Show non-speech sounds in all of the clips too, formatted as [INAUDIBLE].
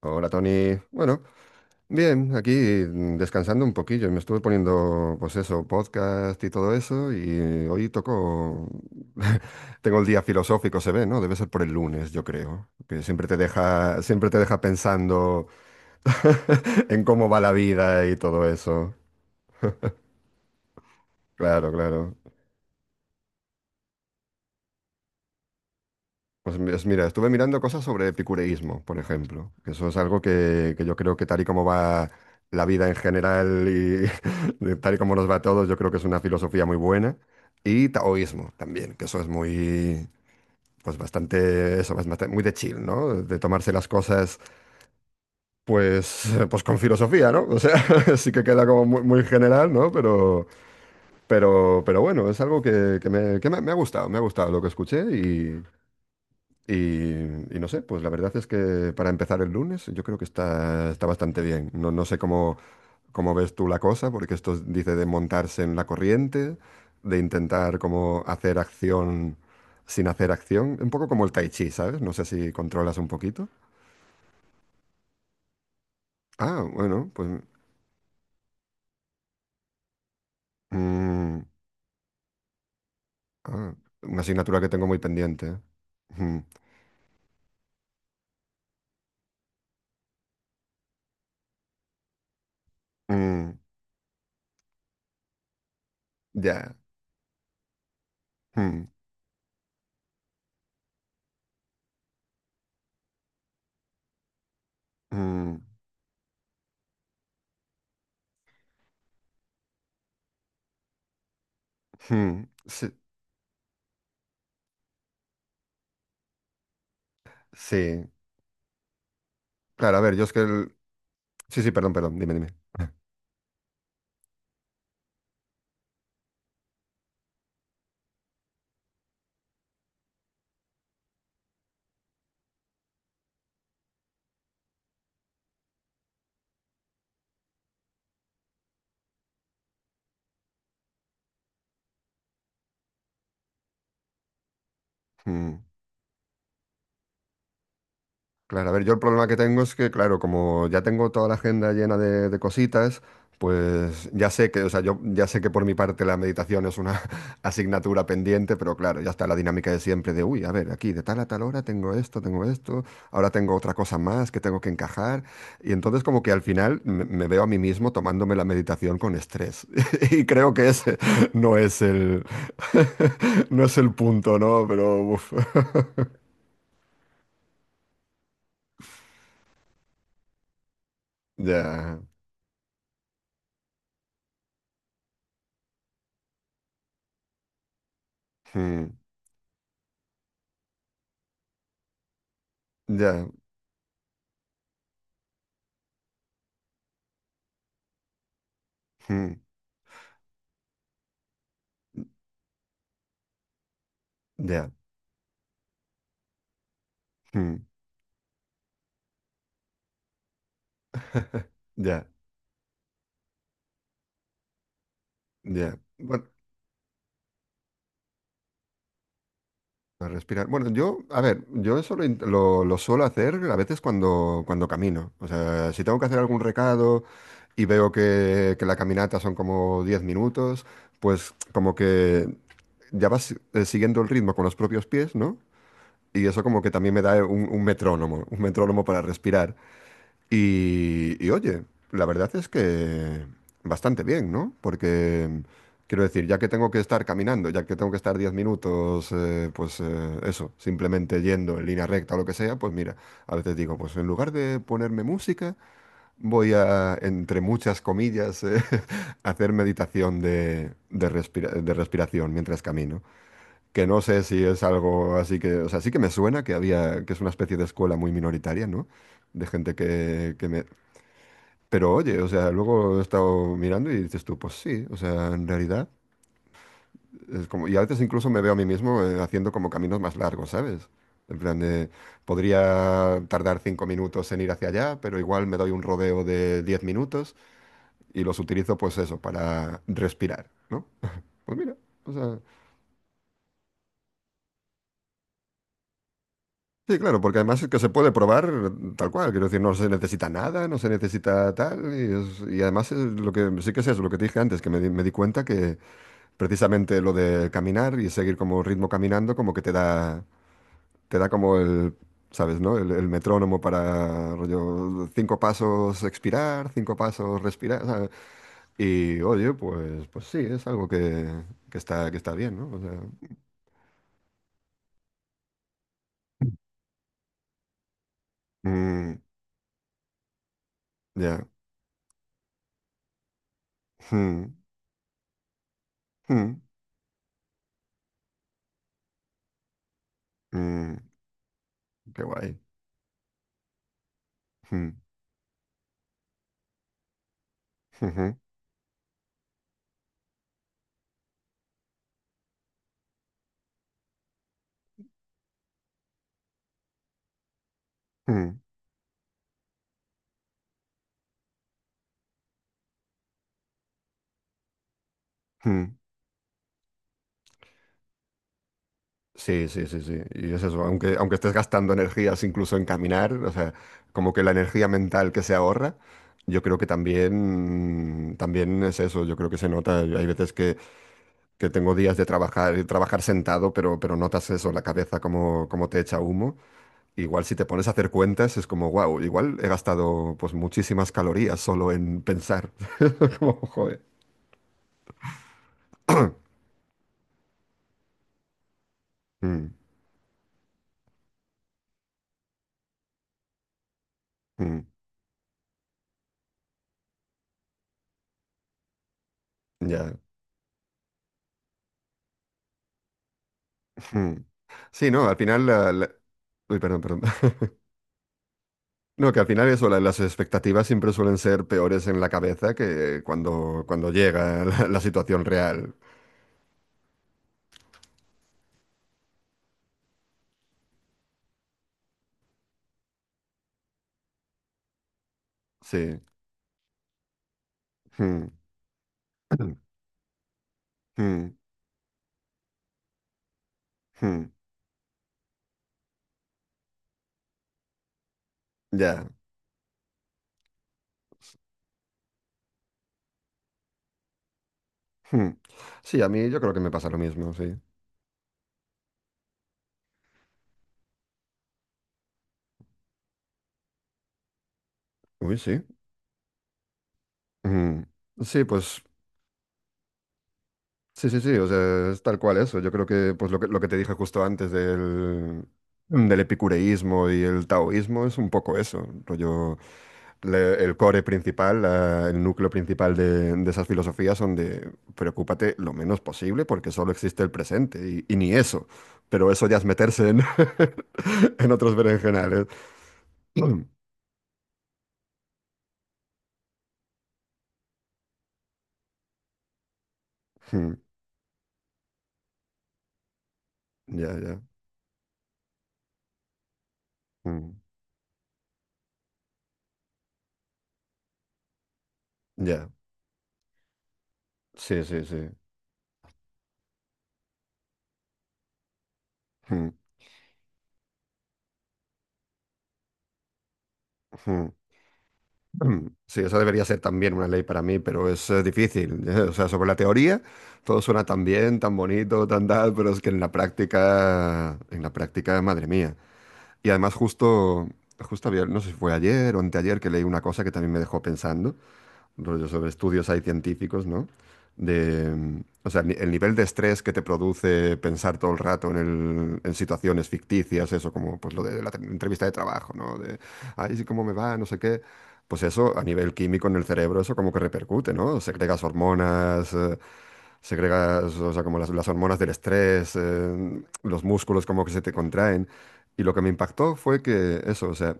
Hola Tony. Bueno, bien, aquí descansando un poquillo. Me estuve poniendo, pues eso, podcast y todo eso. Y hoy toco. [LAUGHS] Tengo el día filosófico, se ve, ¿no? Debe ser por el lunes, yo creo. Que siempre te deja pensando [LAUGHS] en cómo va la vida y todo eso. Claro, claro. Mira, estuve mirando cosas sobre epicureísmo, por ejemplo, que eso es algo que yo creo que tal y como va la vida en general y [LAUGHS] de tal y como nos va a todos, yo creo que es una filosofía muy buena. Y taoísmo también, que eso es muy, pues bastante, eso, es muy de chill, ¿no? De tomarse las cosas, pues, [LAUGHS] pues con filosofía, ¿no? O sea, [LAUGHS] sí que queda como muy, muy general, ¿no? Pero bueno, es algo que me ha gustado, me ha gustado lo que escuché y, y no sé, pues la verdad es que para empezar el lunes yo creo que está bastante bien. No, no sé cómo, cómo ves tú la cosa, porque dice de montarse en la corriente, de intentar como hacer acción sin hacer acción, un poco como el tai chi, ¿sabes? No sé si controlas un poquito. Ah, bueno, pues mm, ah, una asignatura que tengo muy pendiente. ¿Eh? Ujú, mm, ya. Mm, mm, mm, sí, sí. Claro, a ver, yo es que el. Sí, sí, perdón, perdón, dime, dime. Mm. Claro, a ver, yo el problema que tengo es que, claro, como ya tengo toda la agenda llena de cositas, pues ya sé que, o sea, yo ya sé que por mi parte la meditación es una [LAUGHS] asignatura pendiente, pero claro, ya está la dinámica de siempre de, uy, a ver, aquí de tal a tal hora tengo esto, ahora tengo otra cosa más que tengo que encajar, y entonces como que al final me veo a mí mismo tomándome la meditación con estrés, [LAUGHS] y creo que ese [LAUGHS] no es el, [LAUGHS] no es el punto, ¿no? Pero, uf, [LAUGHS] ya. Mm. Ya. Mm, ya, mm, [LAUGHS] ya, ya. Bueno, a respirar. Bueno, yo, a ver, yo eso lo suelo hacer a veces cuando camino. O sea, si tengo que hacer algún recado y veo que la caminata son como 10 minutos, pues como que ya vas siguiendo el ritmo con los propios pies, ¿no? Y eso como que también me da un metrónomo, un metrónomo para respirar. Y oye, la verdad es que bastante bien, ¿no? Porque quiero decir, ya que tengo que estar caminando, ya que tengo que estar 10 minutos, pues eso, simplemente yendo en línea recta o lo que sea, pues mira, a veces digo, pues en lugar de ponerme música, voy a, entre muchas comillas, [LAUGHS] hacer meditación de respiración mientras camino. Que no sé si es algo así que, o sea, sí que me suena que había, que es una especie de escuela muy minoritaria, ¿no? De gente pero oye, o sea, luego he estado mirando y dices tú, pues sí, o sea, en realidad es como, y a veces incluso me veo a mí mismo haciendo como caminos más largos, ¿sabes? En plan de, podría tardar 5 minutos en ir hacia allá, pero igual me doy un rodeo de 10 minutos y los utilizo pues eso, para respirar, ¿no? [LAUGHS] Pues mira, o sea, sí, claro, porque además es que se puede probar tal cual, quiero decir, no se necesita nada, no se necesita tal, y además es lo que, sí que es eso, lo que te dije antes, que me di cuenta que precisamente lo de caminar y seguir como ritmo caminando, como que te da como el, ¿sabes, no? El metrónomo para rollo, 5 pasos expirar, 5 pasos respirar. O Y oye, pues sí, es algo que está bien, ¿no? O sea, mm, ya. Mm, mm, mm, qué guay. Mm, ujú, mm, mm. Sí, sí, sí, sí. Y es eso, aunque estés gastando energías incluso en caminar, o sea, como que la energía mental que se ahorra, yo creo que también, también es eso, yo creo que se nota. Hay veces que tengo días de trabajar, trabajar sentado, pero notas eso, la cabeza como te echa humo. Igual si te pones a hacer cuentas es como, wow, igual he gastado pues muchísimas calorías solo en pensar. [LAUGHS] Como, joder. Mm, mm, ya. Mm. Sí, no, al final. Uy, perdón, perdón. No, que al final eso, las expectativas siempre suelen ser peores en la cabeza que cuando llega [LAUGHS] la situación real. Sí. Mm, [CLEARS THROAT] mm, mm, ya. Mm. Sí, a mí yo creo que me pasa lo mismo, sí. Uy, sí. Mm. Sí, pues sí, sí, sí, o sea, es tal cual eso. Yo creo que pues lo que te dije justo antes del epicureísmo y el taoísmo es un poco eso, rollo, el core principal, el núcleo principal de esas filosofías son de preocúpate lo menos posible porque solo existe el presente y ni eso, pero eso ya es meterse en, [LAUGHS] en otros berenjenales. [CLEARS THROAT] Ya, ya. Mm, ya, sí, sí, sí. Mm, mm, sí, esa debería ser también una ley para mí, pero es difícil. ¿Eh? O sea, sobre la teoría, todo suena tan bien, tan bonito, tan tal, pero es que en la práctica, madre mía. Y además justo, justo había, no sé si fue ayer o anteayer que leí una cosa que también me dejó pensando, rollo sobre estudios hay científicos, ¿no? De, o sea, el nivel de estrés que te produce pensar todo el rato en situaciones ficticias, eso como pues lo de la entrevista de trabajo, ¿no? De, ay, sí, cómo me va, no sé qué. Pues eso, a nivel químico en el cerebro, eso como que repercute, ¿no? Segregas hormonas, segregas, o sea, como las hormonas del estrés, los músculos como que se te contraen. Y lo que me impactó fue que eso, o sea,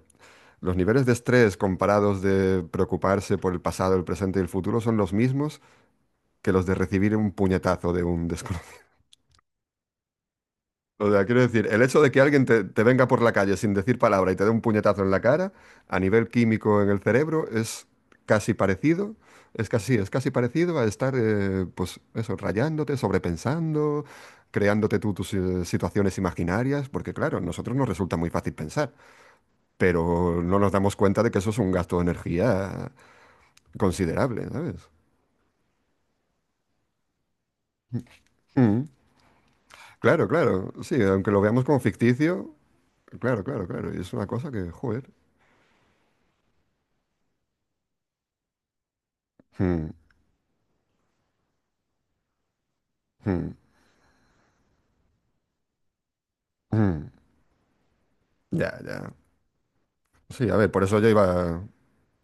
los niveles de estrés comparados de preocuparse por el pasado, el presente y el futuro son los mismos que los de recibir un puñetazo de un desconocido. [LAUGHS] O sea, quiero decir, el hecho de que alguien te venga por la calle sin decir palabra y te dé un puñetazo en la cara, a nivel químico en el cerebro, casi parecido, es casi parecido a estar, pues eso, rayándote, sobrepensando, creándote tú tus situaciones imaginarias, porque claro, a nosotros nos resulta muy fácil pensar, pero no nos damos cuenta de que eso es un gasto de energía considerable, ¿sabes? Mm. Claro, claro, sí, aunque lo veamos como ficticio, claro, claro, claro, y es una cosa que, joder. Mm, mm, mm. Ya, ya. Sí, a ver, por eso yo iba.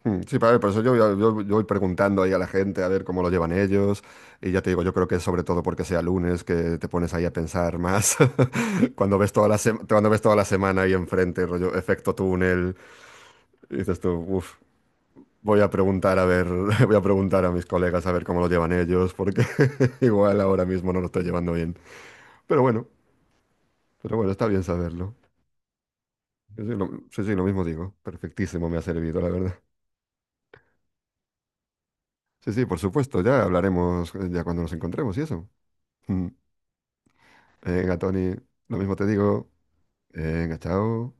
Mm. Sí, a ver, por eso yo voy preguntando ahí a la gente a ver cómo lo llevan ellos. Y ya te digo, yo creo que es sobre todo porque sea lunes que te pones ahí a pensar más. [LAUGHS] Cuando ves toda la semana ahí enfrente, rollo efecto túnel, y dices tú, uff, voy a preguntar a ver, [LAUGHS] voy a preguntar a mis colegas a ver cómo lo llevan ellos, porque [LAUGHS] igual ahora mismo no lo estoy llevando bien. Pero bueno, pero bueno, está bien saberlo. Sí, sí, lo mismo digo. Perfectísimo me ha servido, la verdad. Sí, sí, por supuesto, ya hablaremos ya cuando nos encontremos y eso. Mm. Venga, Tony, lo mismo te digo. Venga, chao.